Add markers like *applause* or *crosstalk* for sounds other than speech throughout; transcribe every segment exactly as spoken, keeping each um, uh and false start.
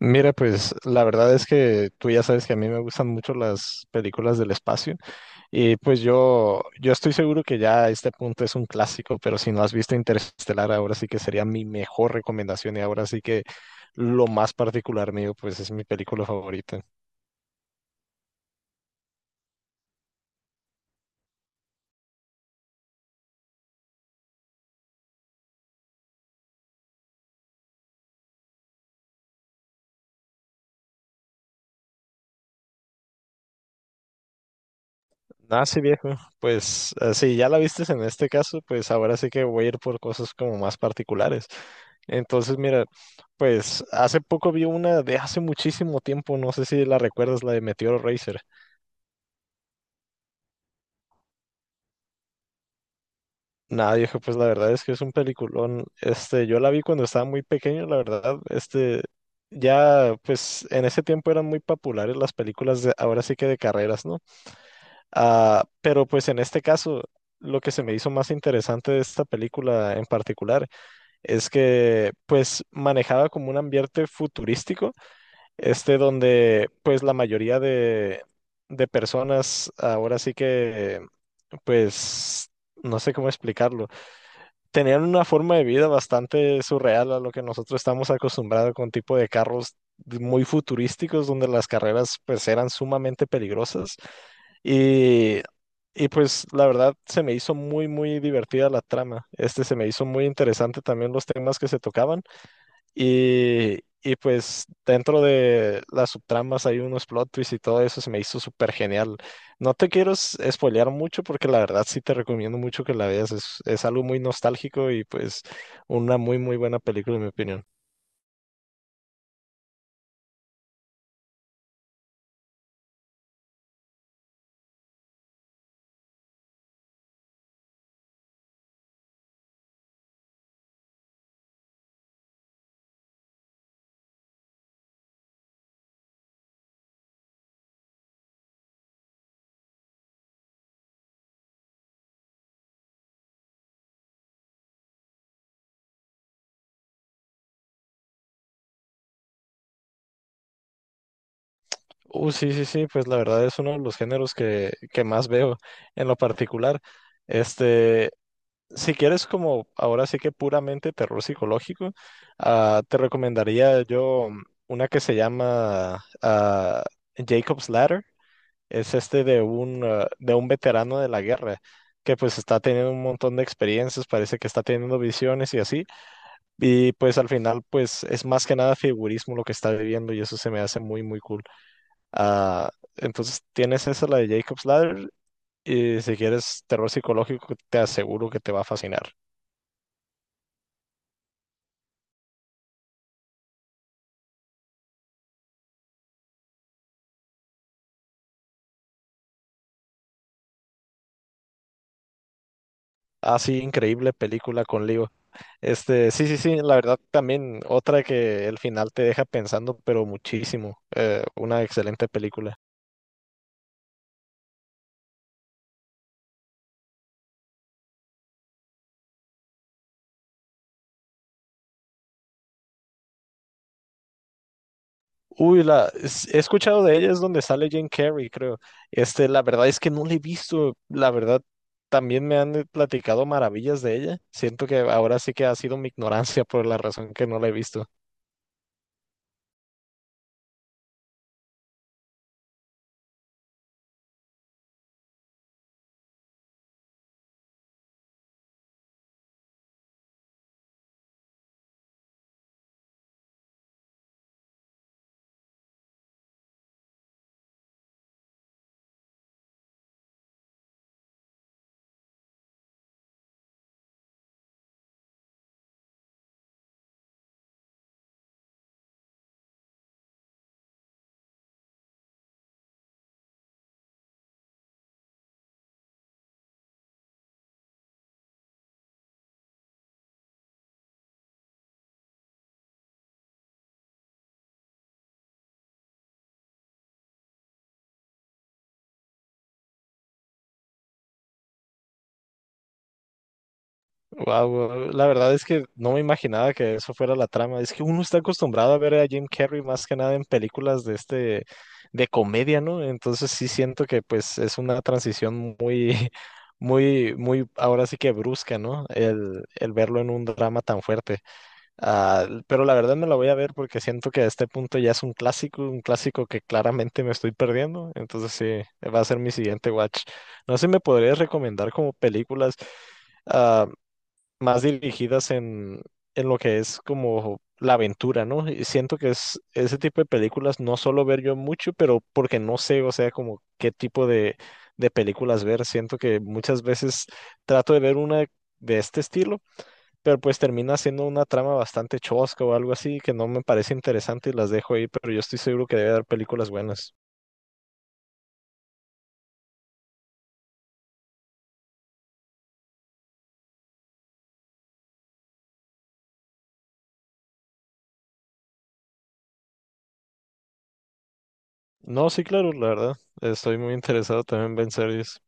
Mira, pues la verdad es que tú ya sabes que a mí me gustan mucho las películas del espacio y pues yo, yo estoy seguro que ya a este punto es un clásico, pero si no has visto Interestelar, ahora sí que sería mi mejor recomendación y ahora sí que lo más particular mío, pues es mi película favorita. Ah, sí, viejo. Pues eh, si ya la vistes en este caso, pues ahora sí que voy a ir por cosas como más particulares. Entonces, mira, pues hace poco vi una de hace muchísimo tiempo, no sé si la recuerdas, la de Meteor Racer. Nada, viejo, pues la verdad es que es un peliculón. Este, yo la vi cuando estaba muy pequeño, la verdad. Este, ya, pues en ese tiempo eran muy populares las películas de, ahora sí que de carreras, ¿no? Ah, pero pues en este caso, lo que se me hizo más interesante de esta película en particular es que, pues, manejaba como un ambiente futurístico, este, donde, pues, la mayoría de, de personas ahora sí que, pues, no sé cómo explicarlo tenían una forma de vida bastante surreal a lo que nosotros estamos acostumbrados con tipo de carros de- muy futurísticos donde las carreras pues eran sumamente peligrosas y, y pues la verdad se me hizo muy muy divertida la trama. Este se me hizo muy interesante también los temas que se tocaban y, y pues dentro de las subtramas hay unos plot twists y todo eso se me hizo súper genial. No te quiero s- spoilear mucho porque la verdad sí te recomiendo mucho que la veas. Es, es algo muy nostálgico y pues una muy muy buena película en mi opinión. Uh, sí, sí, sí, pues la verdad es uno de los géneros que, que más veo en lo particular. Este, si quieres como ahora sí que puramente terror psicológico, ah, te recomendaría yo mm, una que se llama ah, Jacob's Ladder. Es este de un, ah, de un veterano de la guerra que pues está teniendo un montón de experiencias, parece que está teniendo visiones y así. Y pues al final pues es más que nada figurismo lo que está viviendo y eso se me hace muy muy cool. Ah, entonces tienes esa, la de Jacob's Ladder y si quieres terror psicológico te aseguro que te va a fascinar. Ah, sí, increíble película con Leo. Este, sí, sí, sí, la verdad también otra que el final te deja pensando, pero muchísimo. Eh, una excelente película. Uy, la, es- he escuchado de ella, es donde sale Jim Carrey, creo. Este, la verdad es que no la he visto. La verdad, también me han eh, platicado maravillas de ella. Siento que ahora sí que ha sido mi ignorancia por la razón que no la he visto. Wow, la verdad es que no me imaginaba que eso fuera la trama. Es que uno está acostumbrado a ver a Jim Carrey más que nada en películas de este de comedia, ¿no? Entonces sí siento que pues es una transición muy, *laughs* muy, muy, ahora sí que brusca, ¿no? El, el verlo en un drama tan fuerte. Ah, pero la verdad me la voy a ver porque siento que a este punto ya es un clásico, un clásico que claramente me estoy perdiendo. Entonces sí, va a ser mi siguiente watch. No sé si me podrías recomendar como películas. ah, Más dirigidas en, en lo que es como la aventura, ¿no? Y siento que es ese tipo de películas no suelo ver yo mucho, pero porque no sé, o sea, como qué tipo de, de películas ver. Siento que muchas veces trato de ver una de este estilo, pero pues termina siendo una trama bastante chosca o algo así que no me parece interesante y las dejo ahí, pero yo estoy seguro que debe haber películas buenas. No, sí, claro, la verdad. Estoy muy interesado también en ver series.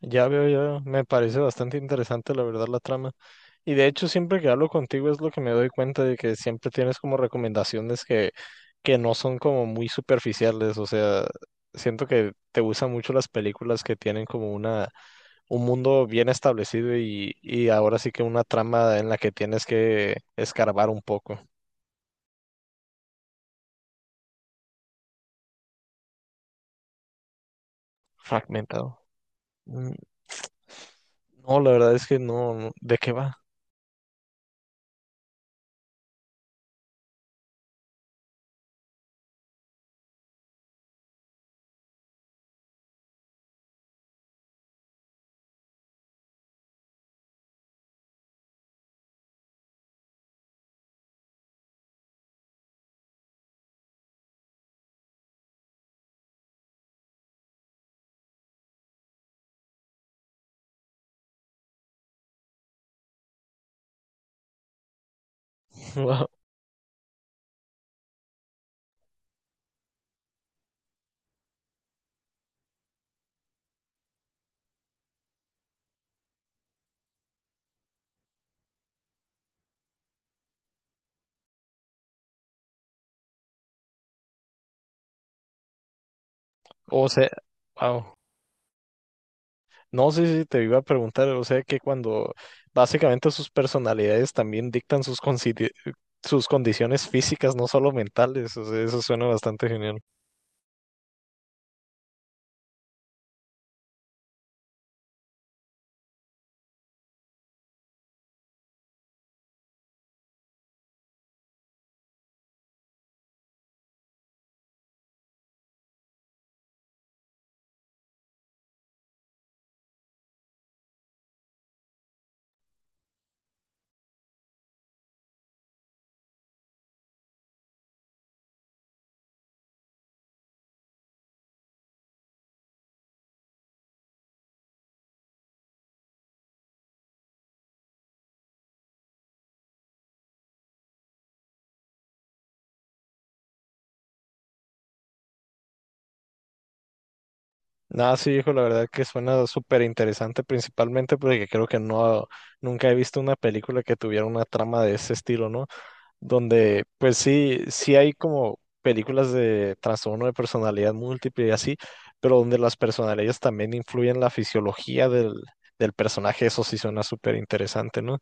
Ya veo, ya veo. Me parece bastante interesante, la verdad, la trama. Y de hecho, siempre que hablo contigo es lo que me doy cuenta de que siempre tienes como recomendaciones que, que no son como muy superficiales. O sea, siento que te gustan mucho las películas que tienen como una, un mundo bien establecido y, y ahora sí que una trama en la que tienes que escarbar un poco. Fragmentado. Mm, No, la verdad es que no, no- ¿de qué va? *laughs* Wow. O sea, wow. No, sé si te iba a preguntar, o sea que cuando básicamente sus personalidades también dictan sus, consider- sus condiciones físicas, no solo mentales, o sea, eso suena bastante genial. Nada, sí, hijo, la verdad que suena súper interesante, principalmente porque creo que no, nunca he visto una película que tuviera una trama de ese estilo, ¿no? Donde pues sí, sí hay como películas de trastorno de personalidad múltiple y así, pero donde las personalidades también influyen en la fisiología del, del personaje, eso sí suena súper interesante, ¿no?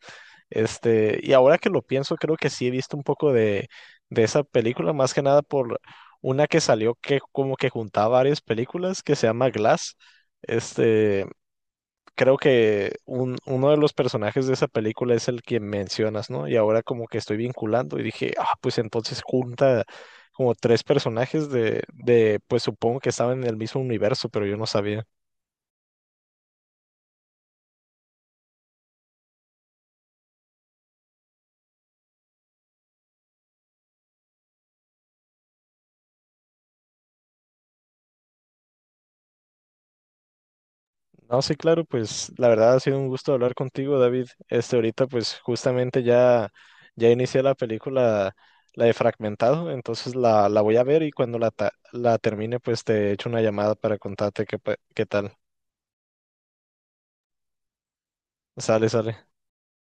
Este, y ahora que lo pienso, creo que sí he visto un poco de, de esa película, más que nada por una que salió que como que juntaba varias películas, que se llama Glass. Este, creo que un- uno de los personajes de esa película es el que mencionas, ¿no? Y ahora como que estoy vinculando y dije, ah, pues entonces junta como tres personajes de, de, pues supongo que estaban en el mismo universo, pero yo no sabía. No, sí, claro, pues la verdad ha sido un gusto hablar contigo, David. Este, ahorita pues justamente ya, ya inicié la película, la de Fragmentado, entonces la, la voy a ver y cuando la, ta- la termine pues te echo una llamada para contarte qué, pa- qué tal. Sale, sale.